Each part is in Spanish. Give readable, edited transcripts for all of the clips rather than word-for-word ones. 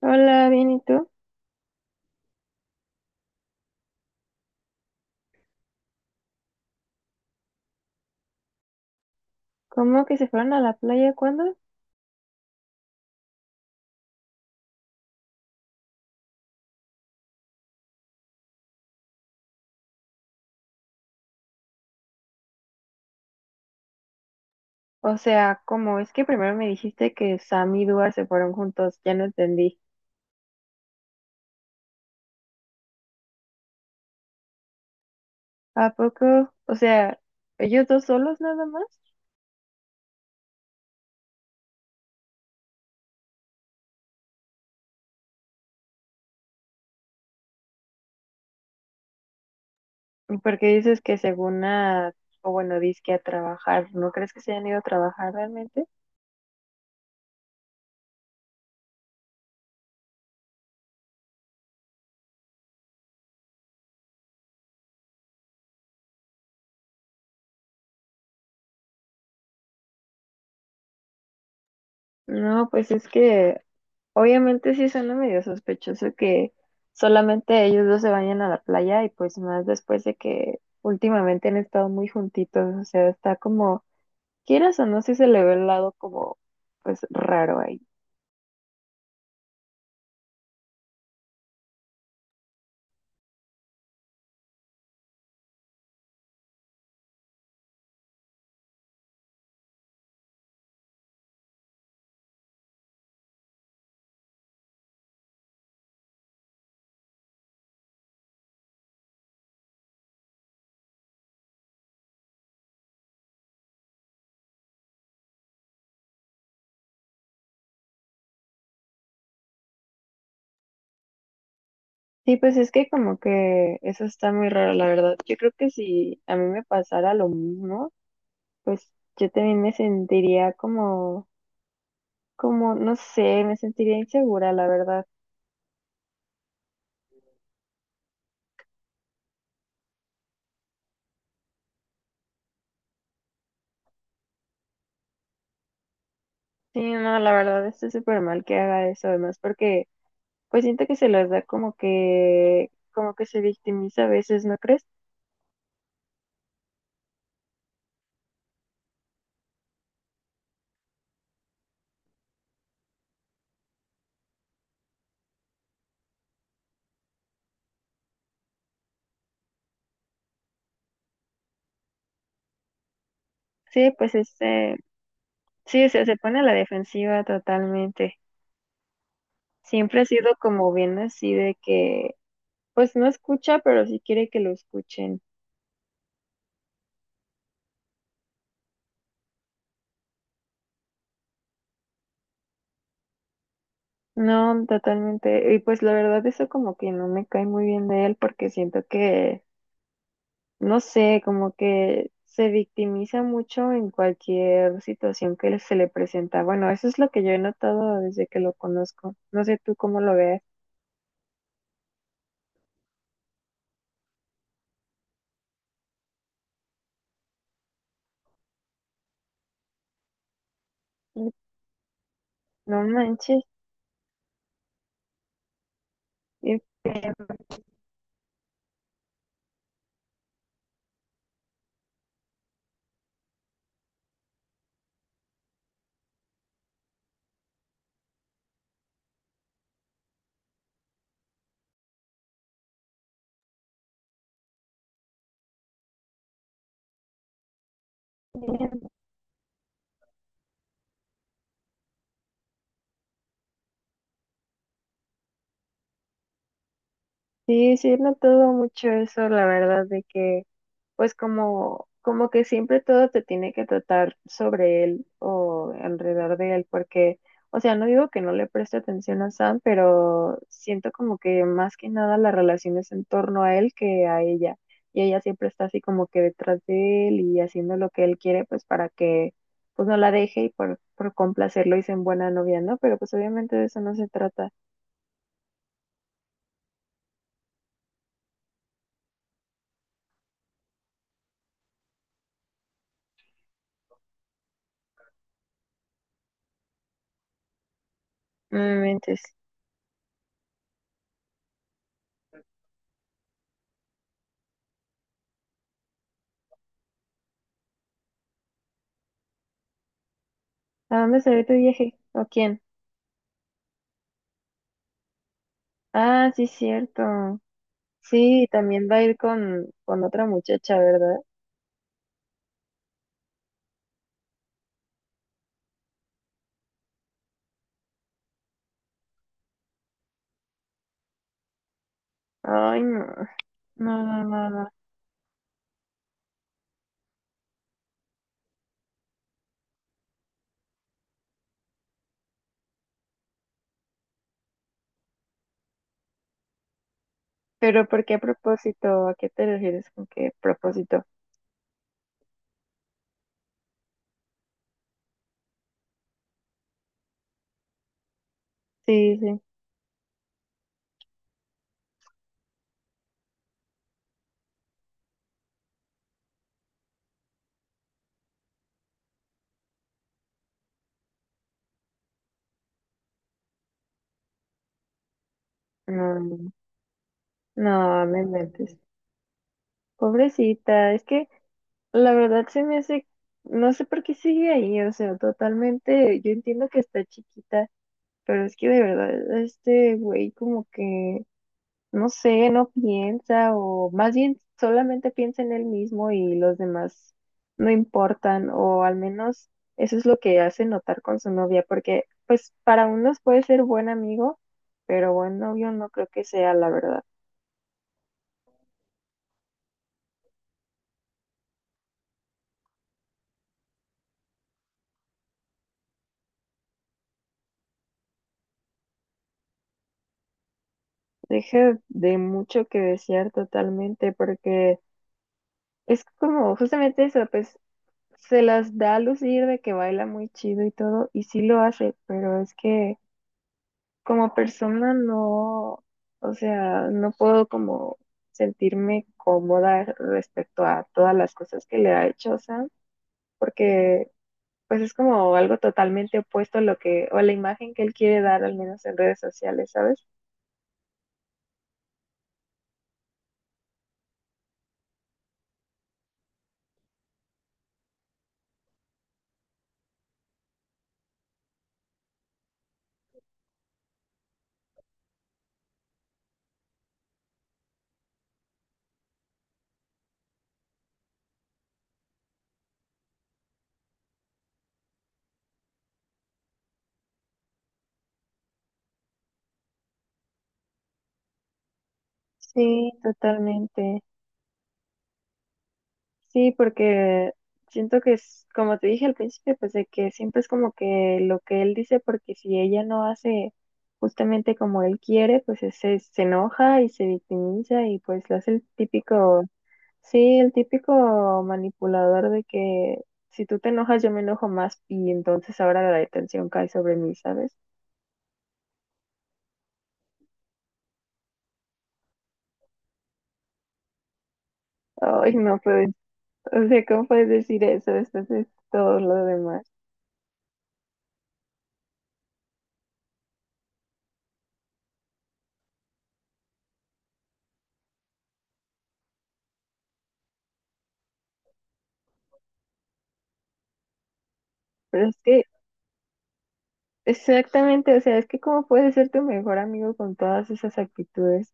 Hola, bien, ¿y tú? ¿Cómo que se fueron a la playa cuándo? O sea, ¿cómo? Es que primero me dijiste que Sam y Dua se fueron juntos, ya no entendí. ¿A poco? O sea, ¿ellos dos solos nada más? Porque dices que según a, o bueno, dizque a trabajar, ¿no crees que se hayan ido a trabajar realmente? No, pues es que obviamente sí suena medio sospechoso que solamente ellos dos se vayan a la playa y pues más después de que últimamente han estado muy juntitos, o sea, está como quieras o no, sí se le ve el lado como, pues, raro ahí. Sí, pues es que como que eso está muy raro, la verdad. Yo creo que si a mí me pasara lo mismo, pues yo también me sentiría como, no sé, me sentiría insegura, la verdad. Sí, no, la verdad está súper mal que haga eso, además, porque pues siento que se los da como que se victimiza a veces, ¿no crees? Sí, pues sí, o sea, se pone a la defensiva totalmente. Siempre ha sido como bien así de que, pues no escucha, pero sí quiere que lo escuchen. No, totalmente. Y pues la verdad eso como que no me cae muy bien de él porque siento que, no sé, como que se victimiza mucho en cualquier situación que le- se le presenta. Bueno, eso es lo que yo he notado desde que lo conozco. No sé tú cómo lo veas. Y no manches, qué feo. Sí, sí, he notado mucho eso, la verdad, de que pues como, como que siempre todo te tiene que tratar sobre él o alrededor de él, porque, o sea, no digo que no le preste atención a Sam, pero siento como que más que nada la relación es en torno a él que a ella, y ella siempre está así como que detrás de él y haciendo lo que él quiere, pues para que pues no la deje y por complacerlo dicen buena novia, ¿no? Pero pues obviamente de eso no se trata. No me mentes. ¿A dónde se ve tu viaje? ¿O quién? Ah, sí, cierto. Sí, también va a ir con otra muchacha, ¿verdad? Ay, no. No, no, no, no. Pero ¿por qué propósito? ¿A qué te refieres con qué propósito? Sí, sí. No, no, no, me inventes. Pobrecita, es que la verdad se me hace, no sé por qué sigue ahí, o sea, totalmente, yo entiendo que está chiquita, pero es que de verdad, este güey como que no sé, no piensa o más bien solamente piensa en él mismo y los demás no importan o al menos eso es lo que hace notar con su novia porque pues para unos puede ser buen amigo, pero buen novio no creo que sea la verdad. Deja de mucho que desear totalmente porque es como justamente eso, pues se las da a lucir de que baila muy chido y todo y sí lo hace, pero es que... como persona no, o sea, no puedo como sentirme cómoda respecto a todas las cosas que le ha hecho Sam, porque pues es como algo totalmente opuesto a lo que, o a la imagen que él quiere dar, al menos en redes sociales, ¿sabes? Sí, totalmente. Sí, porque siento que es, como te dije al principio, pues de que siempre es como que lo que él dice, porque si ella no hace justamente como él quiere, pues es- se enoja y se victimiza y pues lo hace el típico, sí, el típico manipulador de que si tú te enojas yo me enojo más y entonces ahora la detención cae sobre mí, ¿sabes? Ay, no puedes, o sea, ¿cómo puedes decir eso después de todo lo demás? Pero es que exactamente, o sea, es que cómo puedes ser tu mejor amigo con todas esas actitudes.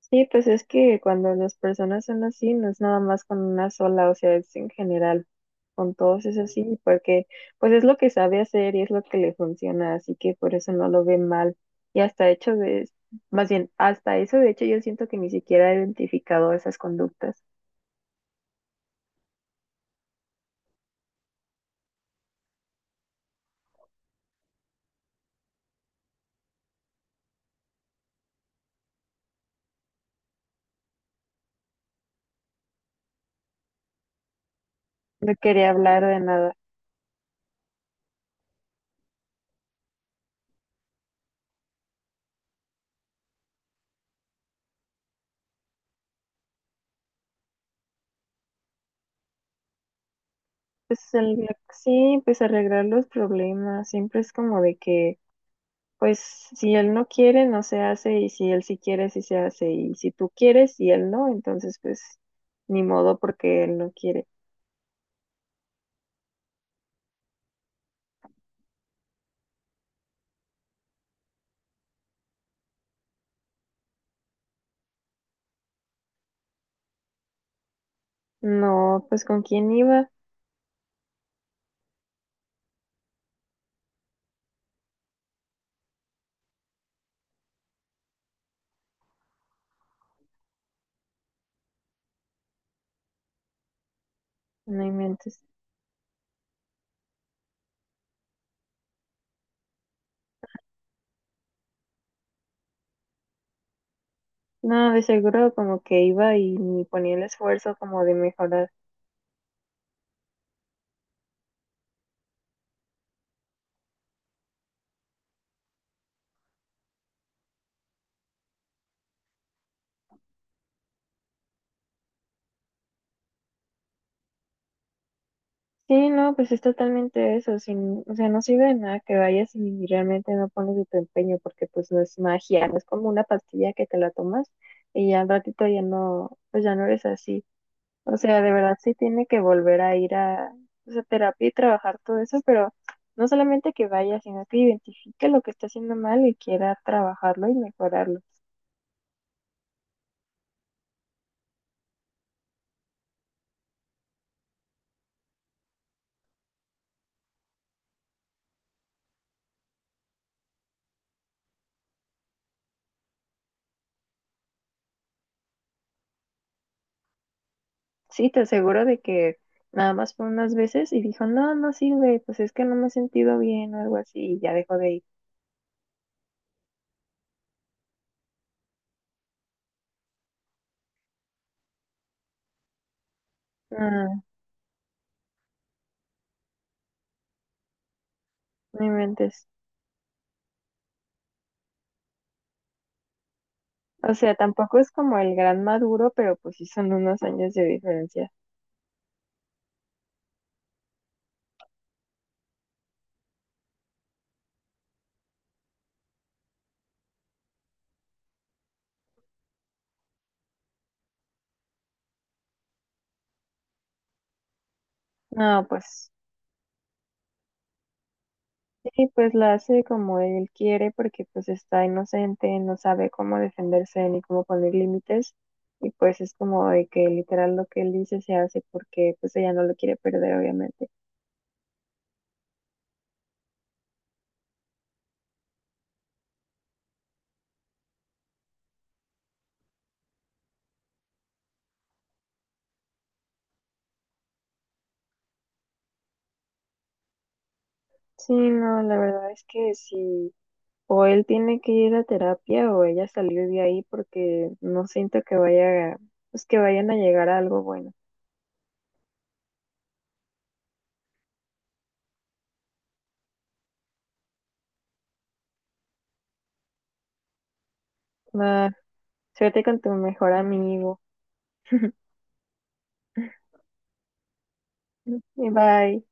Sí, pues es que cuando las personas son así, no es nada más con una sola, o sea, es en general, con todos es así, porque pues es lo que sabe hacer y es lo que le funciona, así que por eso no lo ve mal. Y hasta hecho de, más bien, hasta eso, de hecho, yo siento que ni siquiera he identificado esas conductas. No quería hablar de nada. Pues el- sí, pues arreglar los problemas, siempre es como de que pues si él no quiere, no se hace, y si él sí quiere, sí se hace, y si tú quieres y él no, entonces pues ni modo porque él no quiere. No, pues ¿con quién iba? No inventes. No, de seguro como que iba y ni ponía el esfuerzo como de mejorar. Sí, no, pues es totalmente eso, sin, o sea, no sirve de nada que vayas y realmente no pones de tu empeño porque pues no es magia, no es como una pastilla que te la tomas y ya al ratito ya no, pues ya no eres así. O sea, de verdad sí tiene que volver a ir a esa terapia y trabajar todo eso, pero no solamente que vaya, sino que identifique lo que está haciendo mal y quiera trabajarlo y mejorarlo. Sí, te aseguro de que nada más fue unas veces y dijo, no, no sirve, pues es que no me he sentido bien o algo así y ya dejó de ir. Mm, no inventes. O sea, tampoco es como el gran Maduro, pero pues sí son unos años de diferencia. No, pues. Sí, pues la hace como él quiere porque pues está inocente, no sabe cómo defenderse ni cómo poner límites y pues es como de que literal lo que él dice se hace porque pues ella no lo quiere perder obviamente. Sí, no, la verdad es que sí, o él tiene que ir a terapia o ella salir de ahí porque no siento que vaya, pues que vayan a llegar a algo bueno. Va, suerte con tu mejor amigo. Bye.